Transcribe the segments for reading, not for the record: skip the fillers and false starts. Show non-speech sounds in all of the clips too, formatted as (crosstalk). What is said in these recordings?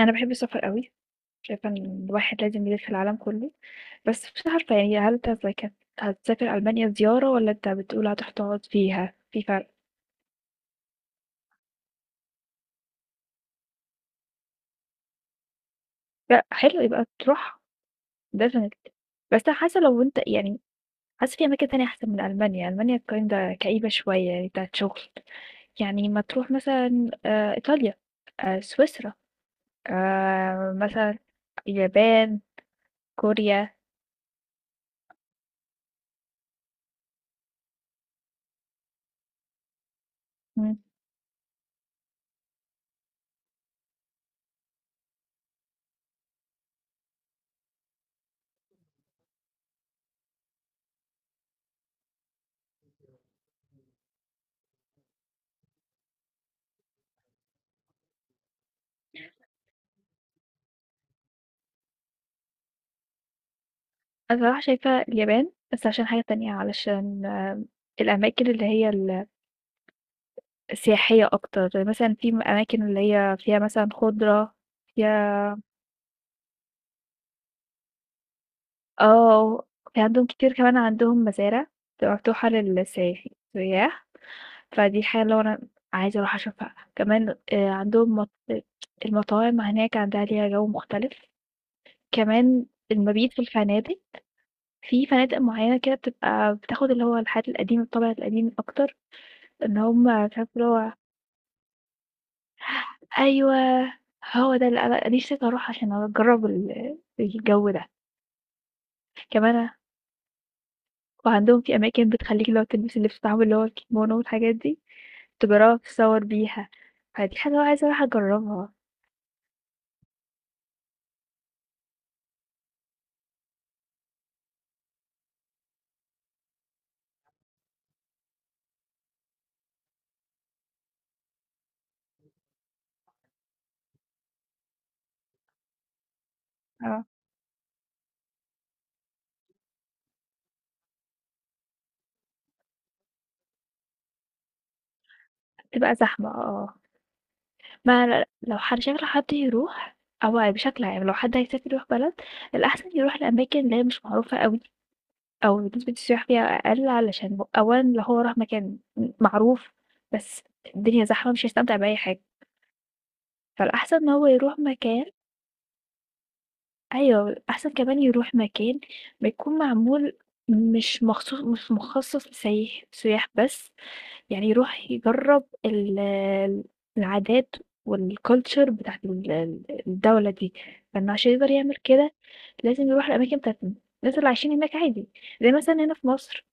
أنا باحب السفر أوي، شايفة إن الواحد لازم يلِف العالم كلّه، بس مش عارفة يعني هل أنت زي كانت هتسافر ألمانيا زيارة والّا أنت بتقول هتروح تقعد فيها، في فرق؟ لأ حلو يبقى تروحها. Definitely. بس أنا حاسة لو أنت يعني حاسة في أماكن تانية أحسن من ألمانيا، ألمانيا kinda كئيبة شوية يعني بتاعة شغل، يعني ما تروح مثلًا إيطاليا، سويسرا، مثلًا اليابان، كوريا. إمم. أنا بصراحة شايفة اليابان بس عشان حاجة تانية علشان الأماكن اللي هي السياحية أكتر مثلا في أماكن اللي هي فيها مثلا خضرة فيها. اه في عندهم كتير، كمان عندهم مزارع بتبقى مفتوحة للسياح سياح. فدي حاجة اللي هو أنا عايزة أروح أشوفها كمان. عندهم المطاعم هناك عندها ليها جو مختلف كمان. المبيت في الفنادق، في فنادق معينة كده بتبقى بتاخد اللي هو الحاجات القديمة الطابع القديم أكتر، ان هم مش عارف. أيوه، هو ده اللي أنا نِفسي أروح عشان أجرّب الجو ده، كمان. وعندهم في أماكن بتخلّيكِ اللي هو تلبسي اللبس بتاعهم اللي هو الكيمونو والحاجات دي، تجرّبي وتتصور بيها، فدي حاجة أنا عايزة أروح أجرّبها. آه. تبقى زحمة، آه، آه. ما لو حد شكل حد يروح، أو بشكل عام لو حد هيسافر يروح بلد، الأحسن يروح لأماكن اللي هي مش معروفة أوي، أو نسبة السياح فيها أقل، علشان أولًا لو هو راح مكان معروف بس الدنيا زحمة مش هيستمتع بأي حاجة. فالأحسن إن هو يروح مكان، أيوه، الأحسن كمان يروح مكان بيكون معمول، مش مخصوص مش مخصص لسايح سياح بس، يعني يروح يجرّب ال (hesitation) العادات والculture بتاعة ال (hesitation) الدولة دي، فإنه عشان يقدر يعمل كده لازم يروح الأماكن بتاعة الناس اللي عايشين هناك عادي، زي مثلًا هنا في مصر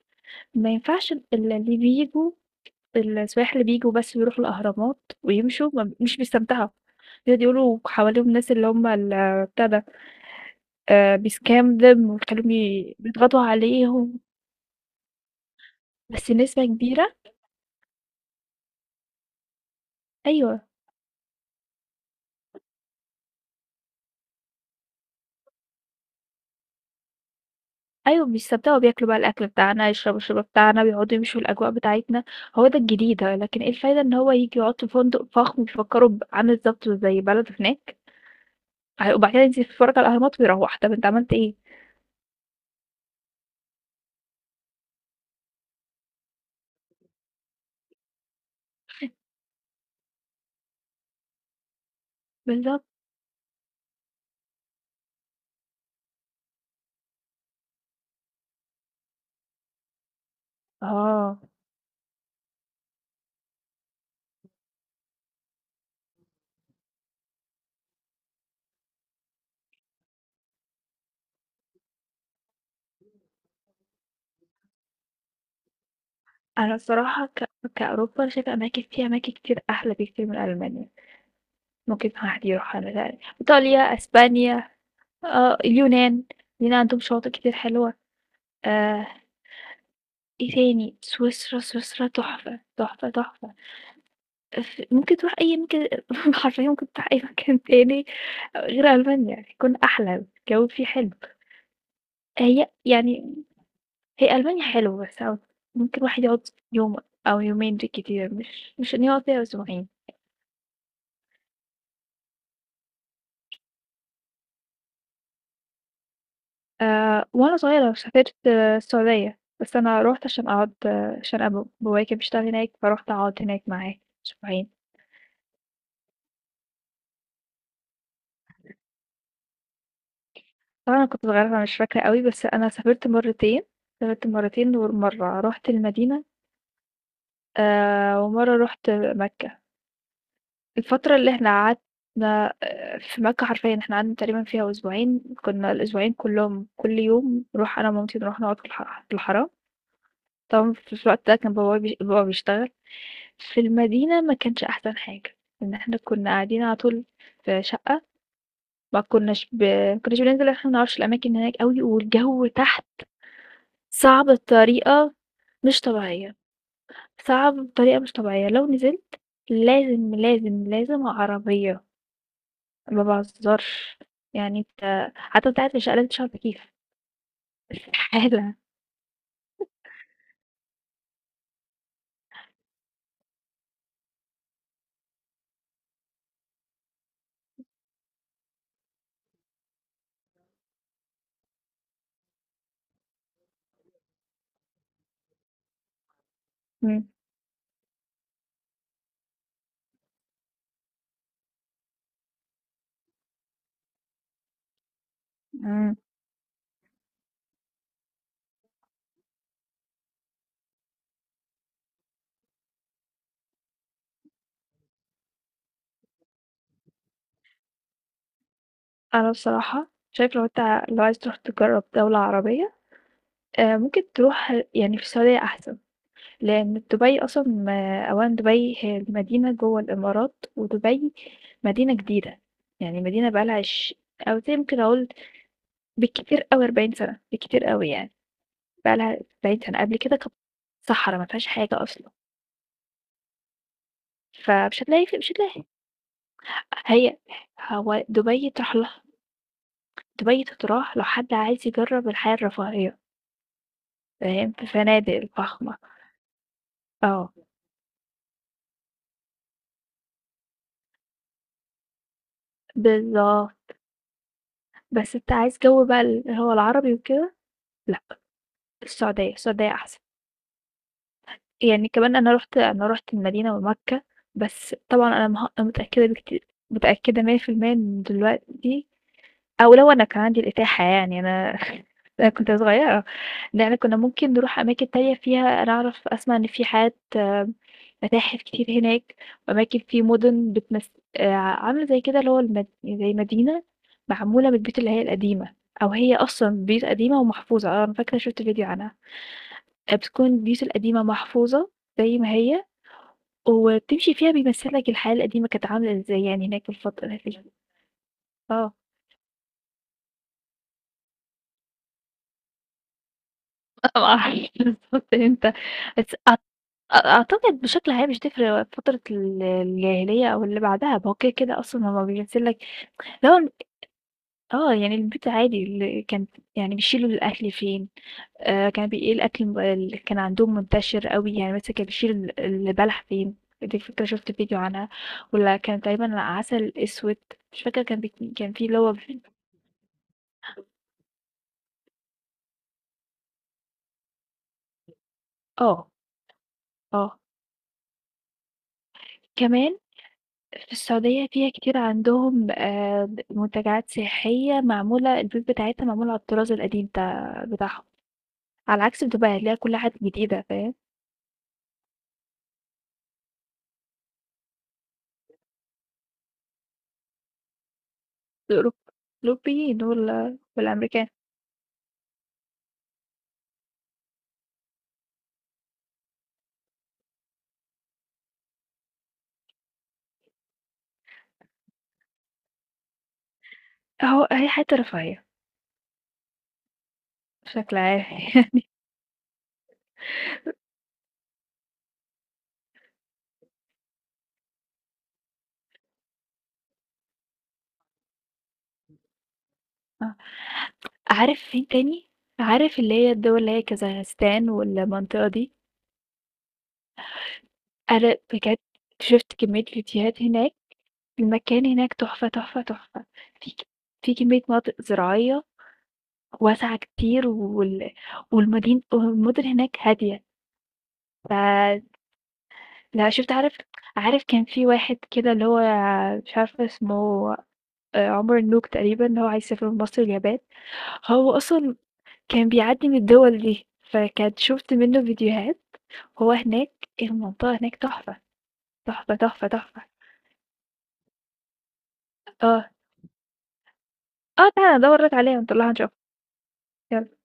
ما ينفعش اللي بييجوا السياح اللي بييجوا بس بيروحوا الأهرامات ويمشوا، ما مش بيستمتعوا، بيقعدوا يقولوا حواليهم ناس اللي هم ال بتاع ده، بيscam them ويخلّيهم بيضغطوا عليهم، بس نسبة كبيرة. أيوه، أيوه، بيستمتعوا، بياكلوا بقى الأكل بتاعنا، يشربوا الشرب بتاعنا، بيقعدوا يمشوا الأجواء بتاعتنا، هو ده الجديد، لكن إيه الفايدة إن هو ييجي يقعد في فندق فخم بيفكّروا عامل بالضبط زي بلده هناك، وبعد كده ينزل يتفرّج على الأهرامات ويروّح، طَب أنت عملت إيه؟ بالضبط. آه. أنا الصراحة كأوروبا أنا شايفة أماكن فيها أماكن كتير أحلى بكتير من ألمانيا. ممكن واحد يروح على ذلك إيطاليا، أسبانيا، اليونان. اليونان عندهم شواطئ كتير حلوة. آه إيه تاني، سويسرا، سويسرا تحفة تحفة تحفة. ممكن تروح أي ممكن (laughs) حرفيا ممكن تروح أي مكان تاني غير ألمانيا يكون أحلى. الجو فيه حلو. هي يعني هي ألمانيا حلوة، بس ممكن واحد يقعد يوم أو يومين بالكتير، مش إن يقعد فيها أسبوعين. وأنا صغيرة سافرت، السعودية، بس أنا رُحت عشان أقعد، عشان بابايا كان بيشتغل هناك، فرُحت أقعد هناك معاه أسبوعين. طبعًا أنا كنت صغيرة فمش فاكرة أوي، بس أنا سافرت مرتين، ومرّة رُحت المدينة، ومرّة رُحت مكة. الفترة اللي إحنا قعدنا في مكة حرفيًا إحنا قعدنا تقريبًا فيها أسبوعين، كنا الأسبوعين كلّهم كل يوم نروح أنا ومامتي نروح نقعد في الحرم. طبعًا في الوقت ده كان بابا بيشتغل، في المدينة ما كانش أحسن حاجة، لإن إحنا كنا قاعدين على طول في شقة، ما كناش بننزل، إحنا ما نعرفش الأماكن هناك أوي، والجو تحت صعب بطريقة مش طبيعية، صعب بطريقة مش طبيعية. لو نزلت لازم، لازم، لازم عربية، ما باهزرش، يعني أنت حتى وأنت قاعد في الشقة لازم تشغل تكييف، استحالة. إمم، إمم. أنا بصراحة شايفة لو عايز تروح تجرّب دولة عربية، ممكن تروح يعني في السعودية أحسن، لإن دبي أصلًا أولًا دبي هي المدينة جوّه الإمارات، ودبي مدينة جديدة، يعني مدينة بقى لها أو زي ممكن أقول بالكتير أوي 40 سنة، بالكتير أوي يعني، بقى لها 40 سنة، قبل كده كانت صحرا ما فيهاش حاجة أصلًا، فمش هتلاقي ف مش هتلاقي. هي هو دبي تروح لها، دبي تتراح لو حد عايز يجرّب الحياة الرفاهية، فاهم؟ في فنادق فخمة، آه، بالضبط. بس أنت عايز جو بقى اللي هو العربي وكده، لأ السعودية، السعودية أحسن، يعني كمان أنا رُحت المدينة ومكة، بس طبعًا أنا متأكدة بكتير، متأكدة 100% إن دلوقتي أو لو أنا كان عندي الإتاحة يعني أنا (laughs) أنا كنت صغيرة، لإن كنا ممكن نروح أماكن تانية فيها. أنا أعرف أسمع إن في حاجات، متاحف كتير هناك وأماكن في مدن بتمس، عاملة زي كده اللي هو زي مدينة معمولة من البيوت اللي هي القديمة، أو هي أصلا بيوت قديمة ومحفوظة. أنا فاكرة شفت فيديو عنها. بتكون البيوت القديمة محفوظة زي ما هي، وبتمشي فيها بيمثلك الحياة القديمة كانت عاملة ازاي يعني هناك في الفترة دي. اه (laughs) معرفش بالظبط امتى، بس أعتقد بشكل عام مش تفرق فترة الجاهلية أو اللي بعدها، ما هو كده، كده أصلًا هو بينزل لك اللي هو، يعني البيت عادي ال كان، يعني بيشيلوا الأكل فين، كان إيه الأكل اللي كان عندهم منتشر أوي، يعني مثلًا كان بيشيل البلح فين، دي فكرة شُفت فيديو عنها، والّا كان تقريبًا عسل أسود، مش فاكرة كان كان في اللي هو، آه، آه، كمان في السعودية فيها كتير عندهم، منتجعات سياحية معمولة، البيوت بتاعتها معمولة على الطراز القديم بتاعهم، على عكس في دبي هتلاقي كل حاجة جديدة، فاهم. الأوروب- الأوروبيين دول والأمريكان. أهو هي حتة رفاهية بشكل عام. (laughs) آه. عارف فين تاني، عارف اللي هي الدول اللي هي كازاخستان والمنطقة دي. أنا بجد شفت كمية فيديوهات هناك، المكان هناك تحفة تحفة تحفة. في في كمية مناطق زراعية واسعة كتير والمدن هناك هادية، فلأ. شُفت، عارف كان في واحد كده اللي هو مش عارفة اسمه، عمر النوك تقريبًا، اللي هو عايز يسافر من مصر اليابان، هو أصلًا كان بيعدّي من الدول دي، فكانت شُفت منّه فيديوهات وهو هناك، المنطقة هناك تحفة، تحفة، تحفة، تحفة. آه، آه تعالَ أدوّر لك عليها ونطلّعها نشوفها، يالّا.